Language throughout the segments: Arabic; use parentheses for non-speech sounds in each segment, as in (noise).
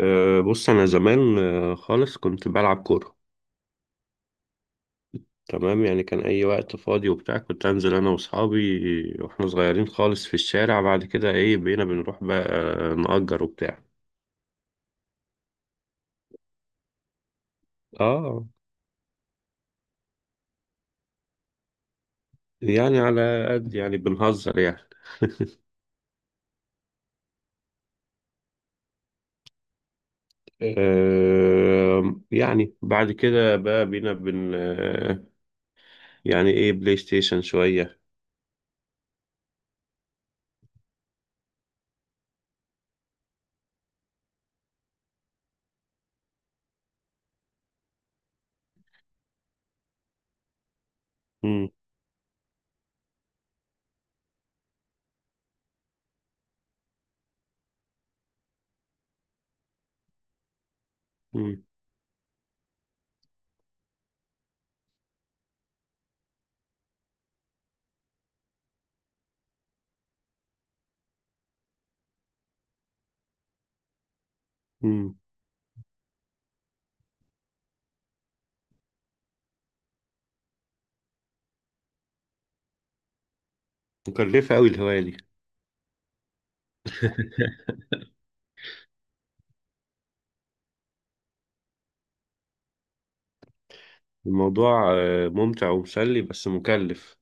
بص، أنا زمان خالص كنت بلعب كورة. تمام، يعني كان أي وقت فاضي وبتاع كنت أنزل أنا وأصحابي وإحنا صغيرين خالص في الشارع. بعد كده إيه بقينا بنروح بقى نأجر وبتاع. آه يعني على قد يعني بنهزر يعني. يعني بعد كده بقى بقينا بن آه، يعني إيه بلاي ستيشن شوية. مم، مم، مم. مكلفة أوي الهواية دي. (laughs) الموضوع ممتع ومسلي بس مكلف.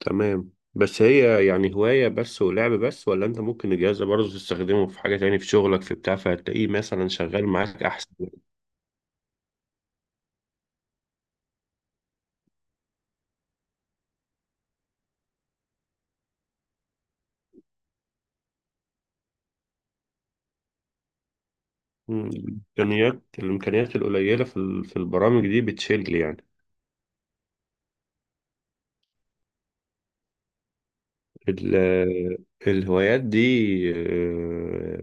تمام، بس هي يعني هواية بس ولعب بس، ولا انت ممكن الجهاز ده برضه تستخدمه في حاجة تاني في شغلك في بتاع، فهتلاقيه مثلا شغال معاك احسن. مم. الامكانيات القليلة في في البرامج دي بتشيل يعني. ال- الهوايات دي آه،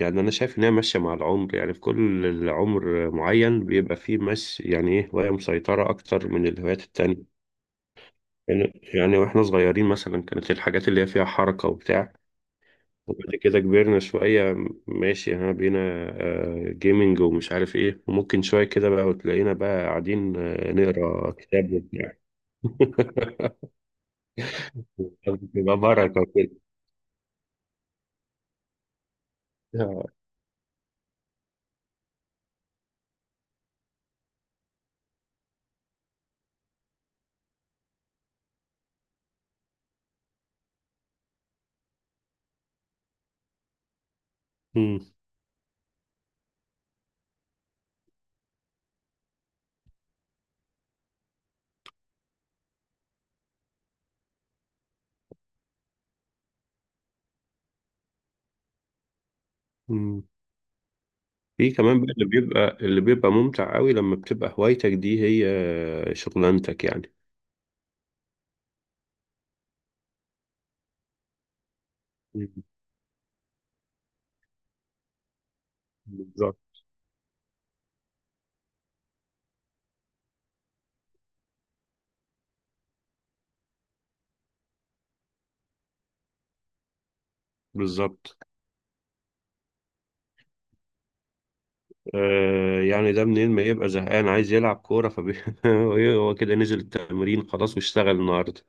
يعني انا شايف انها ماشية مع العمر، يعني في كل العمر معين بيبقى فيه مش يعني ايه هواية مسيطرة اكتر من الهوايات التانية. يعني واحنا صغيرين مثلا كانت الحاجات اللي هي فيها حركة وبتاع. وبعد كده كبرنا شوية، ماشي ها بقينا جيمنج ومش عارف ايه، وممكن شوية كده بقى وتلاقينا بقى قاعدين نقرا كتاب وبتاع. (laughs) بيبقى بركة كده. مم. مم. في كمان بقى اللي بيبقى ممتع قوي لما بتبقى هوايتك دي هي شغلانتك يعني. مم. بالظبط. بالظبط. يعني ده منين ما يبقى زهقان عايز يلعب كورة (laughs) هو كده نزل التمرين خلاص واشتغل النهاردة.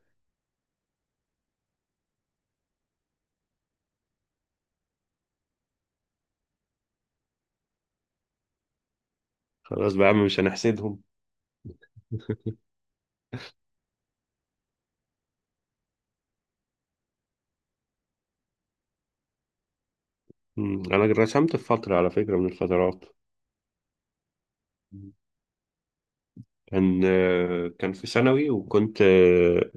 خلاص بقى يا عم، مش هنحسدهم. مم. أنا رسمت في فترة على فكرة، من الفترات. مم. كان في ثانوي، وكنت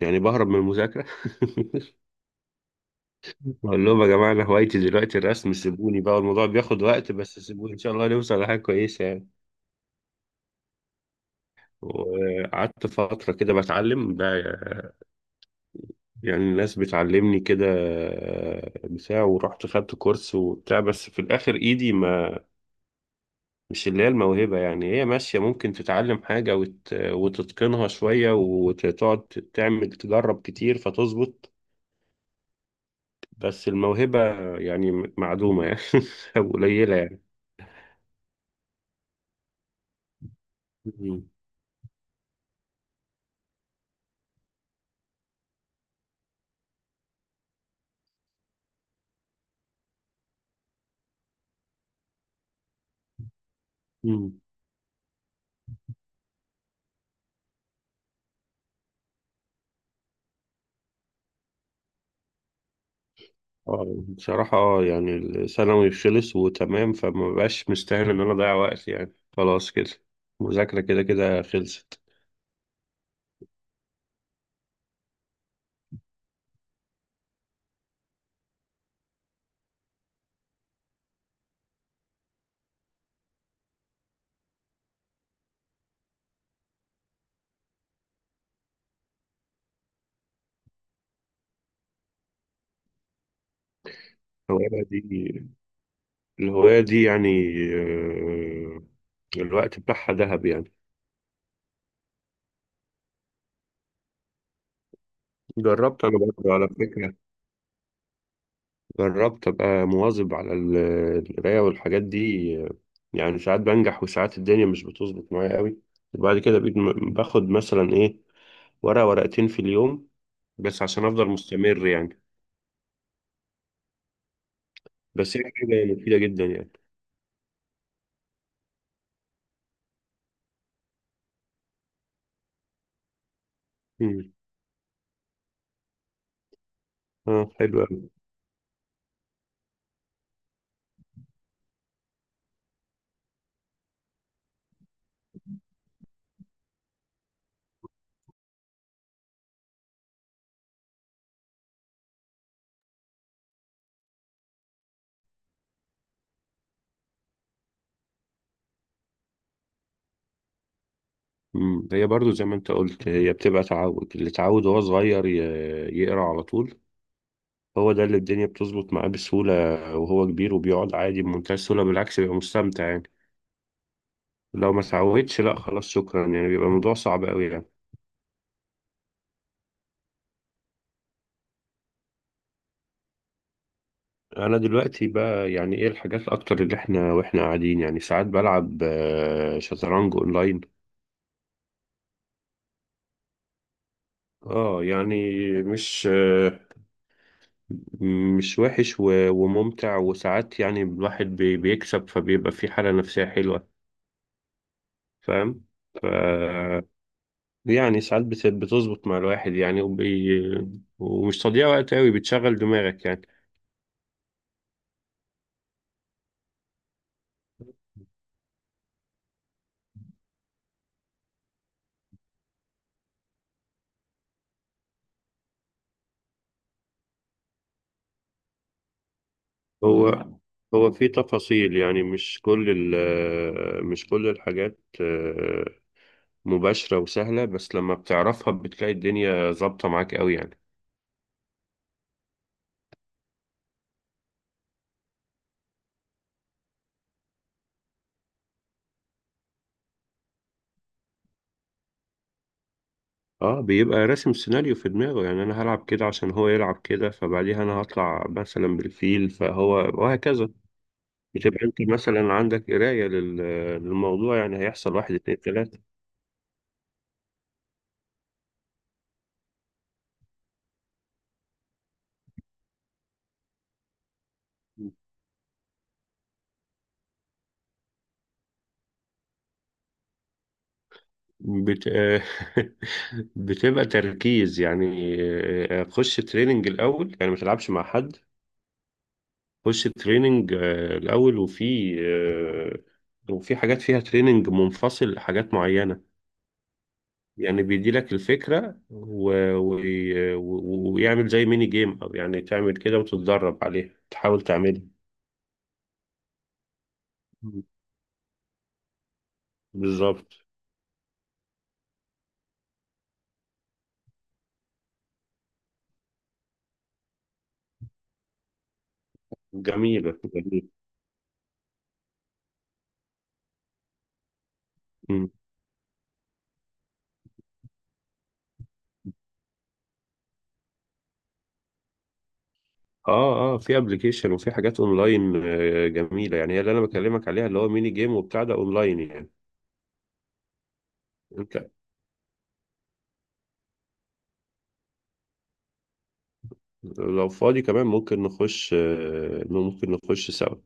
يعني بهرب من المذاكرة. (laughs) بقول لهم يا جماعة، أنا هوايتي دلوقتي الرسم، سيبوني بقى، الموضوع بياخد وقت بس سيبوني إن شاء الله نوصل لحاجة كويسة يعني. وقعدت فترة كده بتعلم بقى، يعني الناس بتعلمني كده بتاع، ورحت خدت كورس وبتاع، بس في الآخر إيدي ما مش اللي هي الموهبة. يعني هي ماشية، ممكن تتعلم حاجة وتتقنها شوية وتقعد تعمل تجرب كتير فتظبط. بس الموهبة يعني معدومة يعني. (laughs) أو قليلة يعني. مم. مم. بصراحة يعني الثانوي خلص وتمام، فما بقاش مستاهل إن أنا أضيع وقت يعني، خلاص كده المذاكرة كده كده خلصت. الهواية دي الهواية دي يعني آه، الوقت بتاعها ذهب يعني. جربت أنا برضه على فكرة، جربت أبقى مواظب على القراية والحاجات دي. يعني ساعات بنجح وساعات الدنيا مش بتظبط معايا قوي، وبعد كده بقيت باخد مثلا إيه ورقة ورقتين في اليوم، بس عشان أفضل مستمر يعني. بس هي حاجة مفيدة جدا يعني. مم. اه، حلو أوي. مم. هي برضو زي ما أنت قلت، هي بتبقى تعود، اللي اتعود وهو صغير يقرأ على طول، هو ده اللي الدنيا بتظبط معاه بسهولة، وهو كبير وبيقعد عادي بمنتهى السهولة، بالعكس بيبقى مستمتع يعني. لو ما سعوتش، لا خلاص شكرا يعني، بيبقى الموضوع صعب قوي يعني. انا دلوقتي بقى يعني ايه الحاجات الاكتر اللي واحنا قاعدين يعني، ساعات بلعب شطرنج اونلاين. اه، يعني مش آه، مش وحش وممتع، وساعات يعني الواحد بيكسب فبيبقى في حالة نفسية حلوة. فاهم. ف يعني ساعات بتظبط مع الواحد يعني ومش تضييع وقت قوي، بتشغل دماغك يعني. هو هو في تفاصيل يعني، مش كل الحاجات مباشرة وسهلة، بس لما بتعرفها بتلاقي الدنيا ظابطة معاك قوي يعني. اه، بيبقى راسم سيناريو في دماغه، يعني انا هلعب كده عشان هو يلعب كده، فبعديها انا هطلع مثلا بالفيل، فهو وهكذا. بتبقى انت مثلا عندك قراية للموضوع يعني، هيحصل واحد اتنين تلاتة. بت... (laughs) بتبقى تركيز يعني خش تريننج الأول، يعني ما تلعبش مع حد. خش تريننج الأول، وفي حاجات فيها تريننج منفصل لحاجات معينة. يعني بيدي لك الفكرة ويعمل زي ميني جيم، أو يعني تعمل كده وتتدرب عليها تحاول تعملها. مم. بالظبط. جميلة جميلة. مم. اه اه، في ابلكيشن وفي حاجات اونلاين جميلة، يعني هي اللي انا بكلمك عليها، اللي هو ميني جيم وبتاع ده اونلاين يعني. انت لو فاضي كمان ممكن نخش آه، ممكن نخش سوا.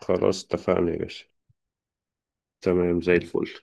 خلاص اتفقنا يا باشا. تمام زي الفل.